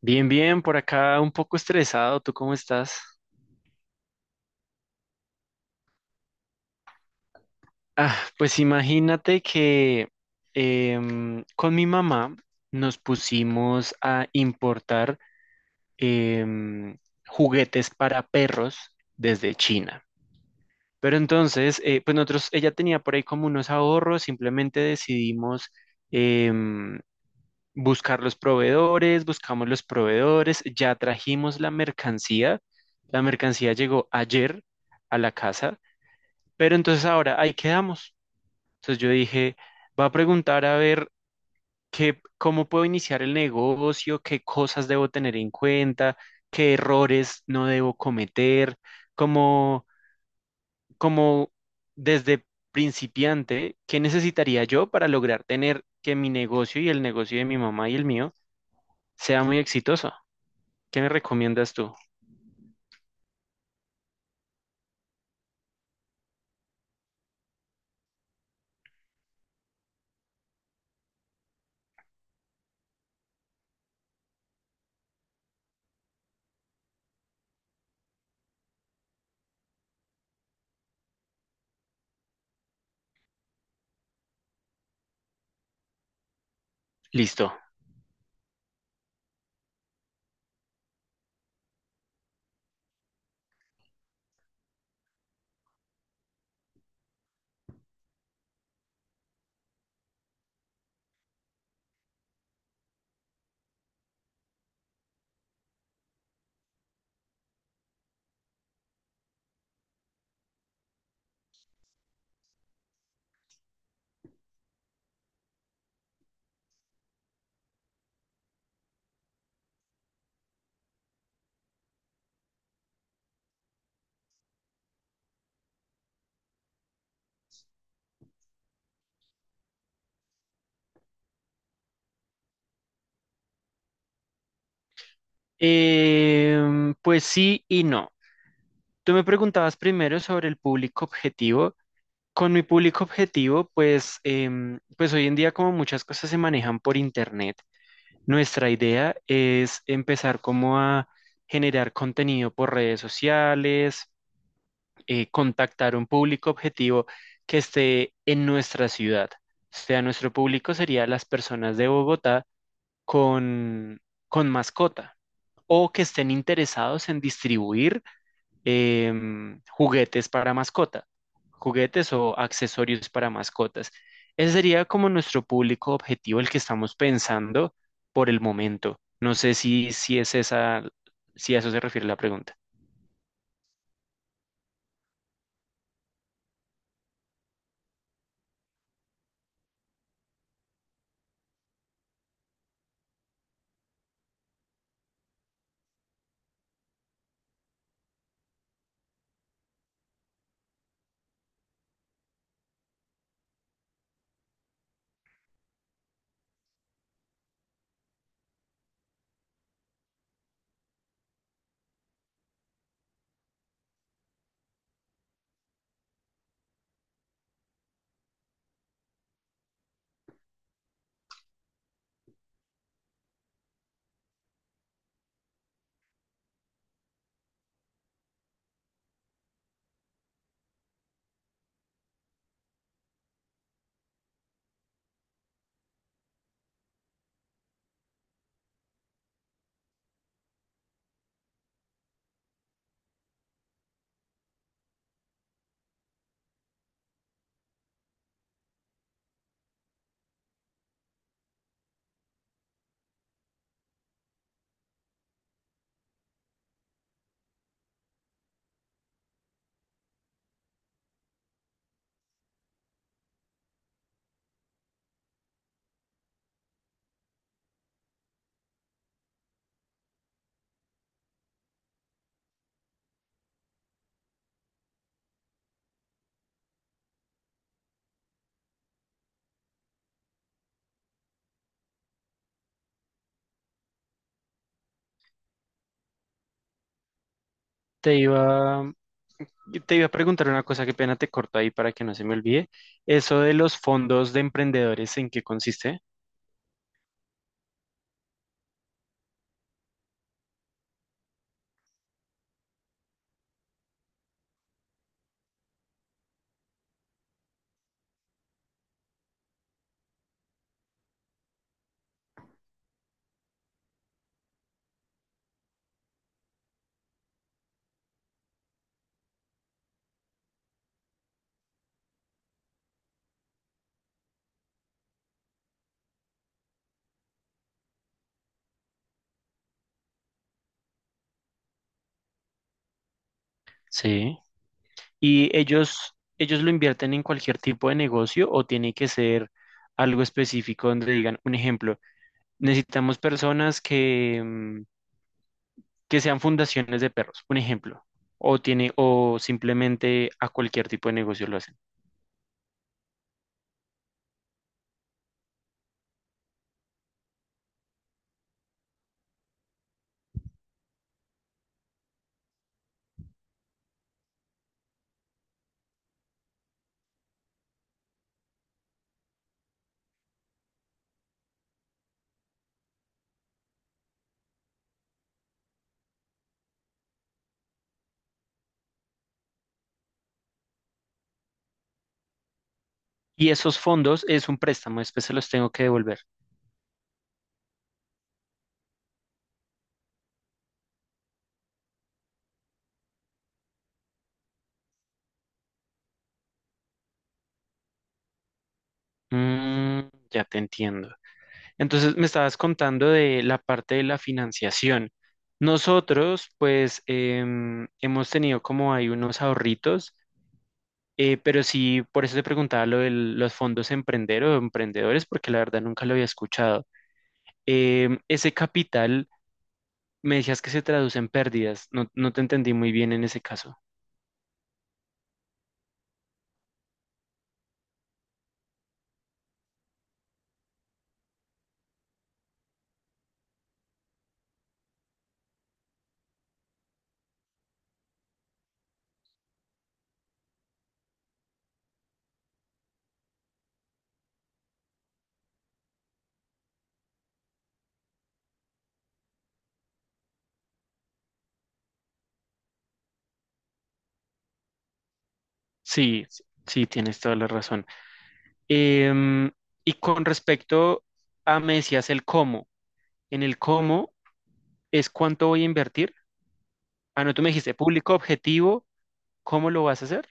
Bien, bien, por acá un poco estresado. ¿Tú cómo estás? Ah, pues imagínate que con mi mamá nos pusimos a importar em, juguetes para perros desde China. Pero entonces, pues nosotros, ella tenía por ahí como unos ahorros, simplemente decidimos em, buscar los proveedores, buscamos los proveedores, ya trajimos la mercancía. La mercancía llegó ayer a la casa. Pero entonces ahora, ahí quedamos. Entonces yo dije, va a preguntar a ver qué, cómo puedo iniciar el negocio, qué cosas debo tener en cuenta, qué errores no debo cometer, como, como desde principiante, qué necesitaría yo para lograr tener que mi negocio y el negocio de mi mamá y el mío sea muy exitoso. ¿Qué me recomiendas tú? Listo. Pues sí y no. Tú me preguntabas primero sobre el público objetivo. Con mi público objetivo, pues, pues hoy en día como muchas cosas se manejan por internet, nuestra idea es empezar como a generar contenido por redes sociales, contactar un público objetivo que esté en nuestra ciudad. O sea, nuestro público sería las personas de Bogotá con, con mascota o que estén interesados en distribuir juguetes para mascota, juguetes o accesorios para mascotas. Ese sería como nuestro público objetivo, el que estamos pensando por el momento. No sé si, si es esa, si a eso se refiere la pregunta. Te iba, te iba a preguntar una cosa, qué pena te corto ahí para que no se me olvide. Eso de los fondos de emprendedores, ¿en qué consiste? Sí. ¿Y ellos lo invierten en cualquier tipo de negocio o tiene que ser algo específico donde digan, un ejemplo, necesitamos personas que, mm, que sean fundaciones de perros, un ejemplo, o tiene, o simplemente a cualquier tipo de negocio lo hacen? Y esos fondos es un préstamo, ¿después se los tengo que devolver? Mm, ya te entiendo. Entonces me estabas contando de la parte de la financiación. Nosotros, pues, hemos tenido como hay unos ahorritos, pero sí, por eso te preguntaba lo de los fondos emprender o emprendedores, porque la verdad nunca lo había escuchado. Ese capital, me decías que se traduce en pérdidas. No, no te entendí muy bien en ese caso. Sí, sí, tienes toda la razón. Em, y con respecto a, me decías el cómo. En el cómo es cuánto voy a invertir. Ah, no, tú me dijiste público objetivo, ¿cómo lo vas a hacer?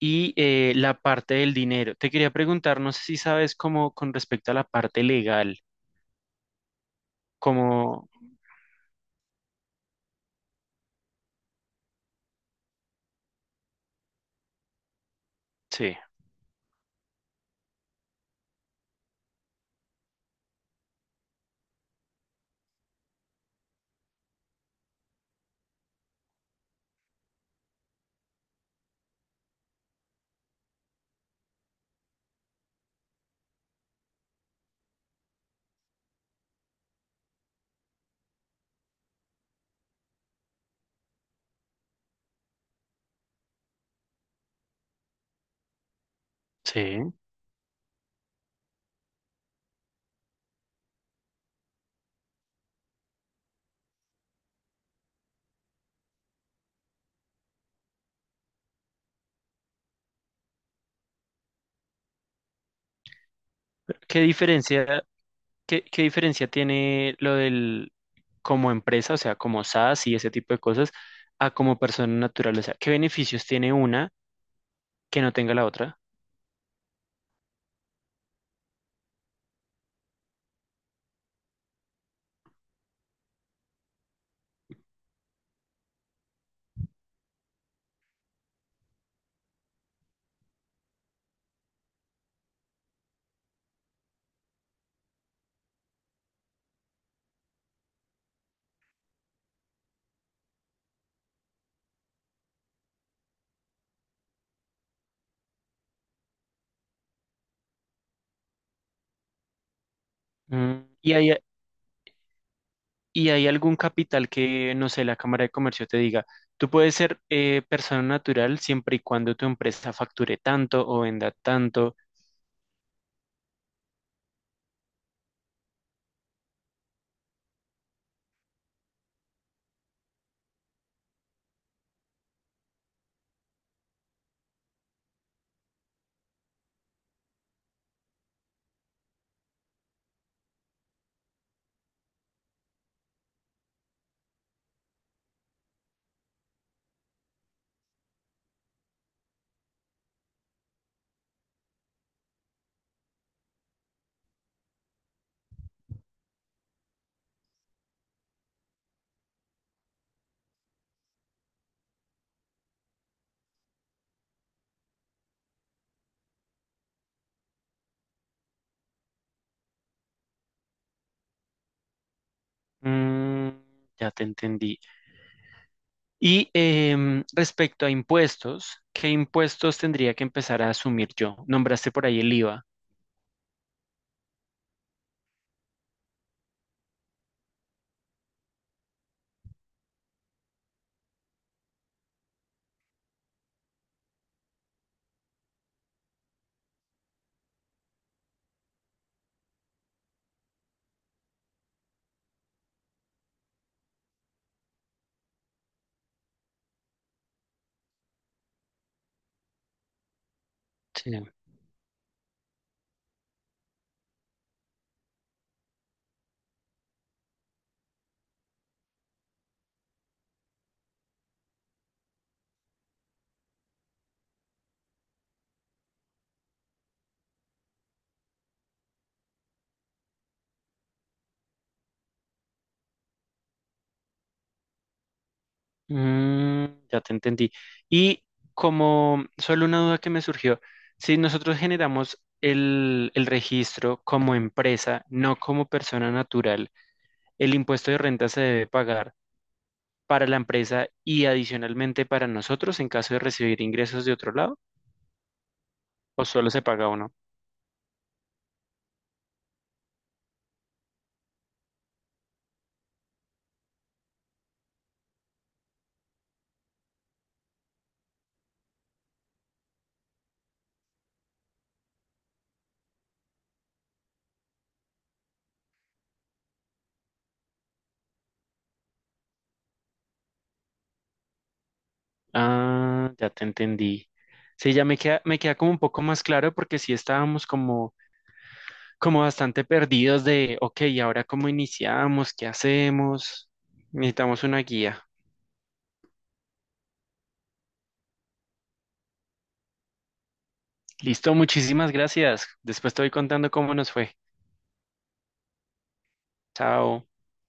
Y la parte del dinero. Te quería preguntar, no sé si sabes cómo, con respecto a la parte legal, cómo, sí, sí. ¿Qué diferencia, qué diferencia tiene lo del como empresa, o sea, como SaaS y ese tipo de cosas, a como persona natural? O sea, ¿qué beneficios tiene una que no tenga la otra? Mm. Y hay algún capital que, no sé, la Cámara de Comercio te diga, tú puedes ser persona natural siempre y cuando tu empresa facture tanto o venda tanto. Mm, ya te entendí. Y respecto a impuestos, ¿qué impuestos tendría que empezar a asumir yo? Nombraste por ahí el IVA. Sí. Mm, ya te entendí. Y como solo una duda que me surgió, si nosotros generamos el registro como empresa, no como persona natural, el impuesto de renta se debe pagar para la empresa y adicionalmente para nosotros en caso de recibir ingresos de otro lado, o solo se paga uno. Ah, ya te entendí. Sí, ya me queda como un poco más claro, porque sí estábamos como, como bastante perdidos de, ok, ¿y ahora cómo iniciamos? ¿Qué hacemos? Necesitamos una guía. Listo, muchísimas gracias. Después te voy contando cómo nos fue. Chao.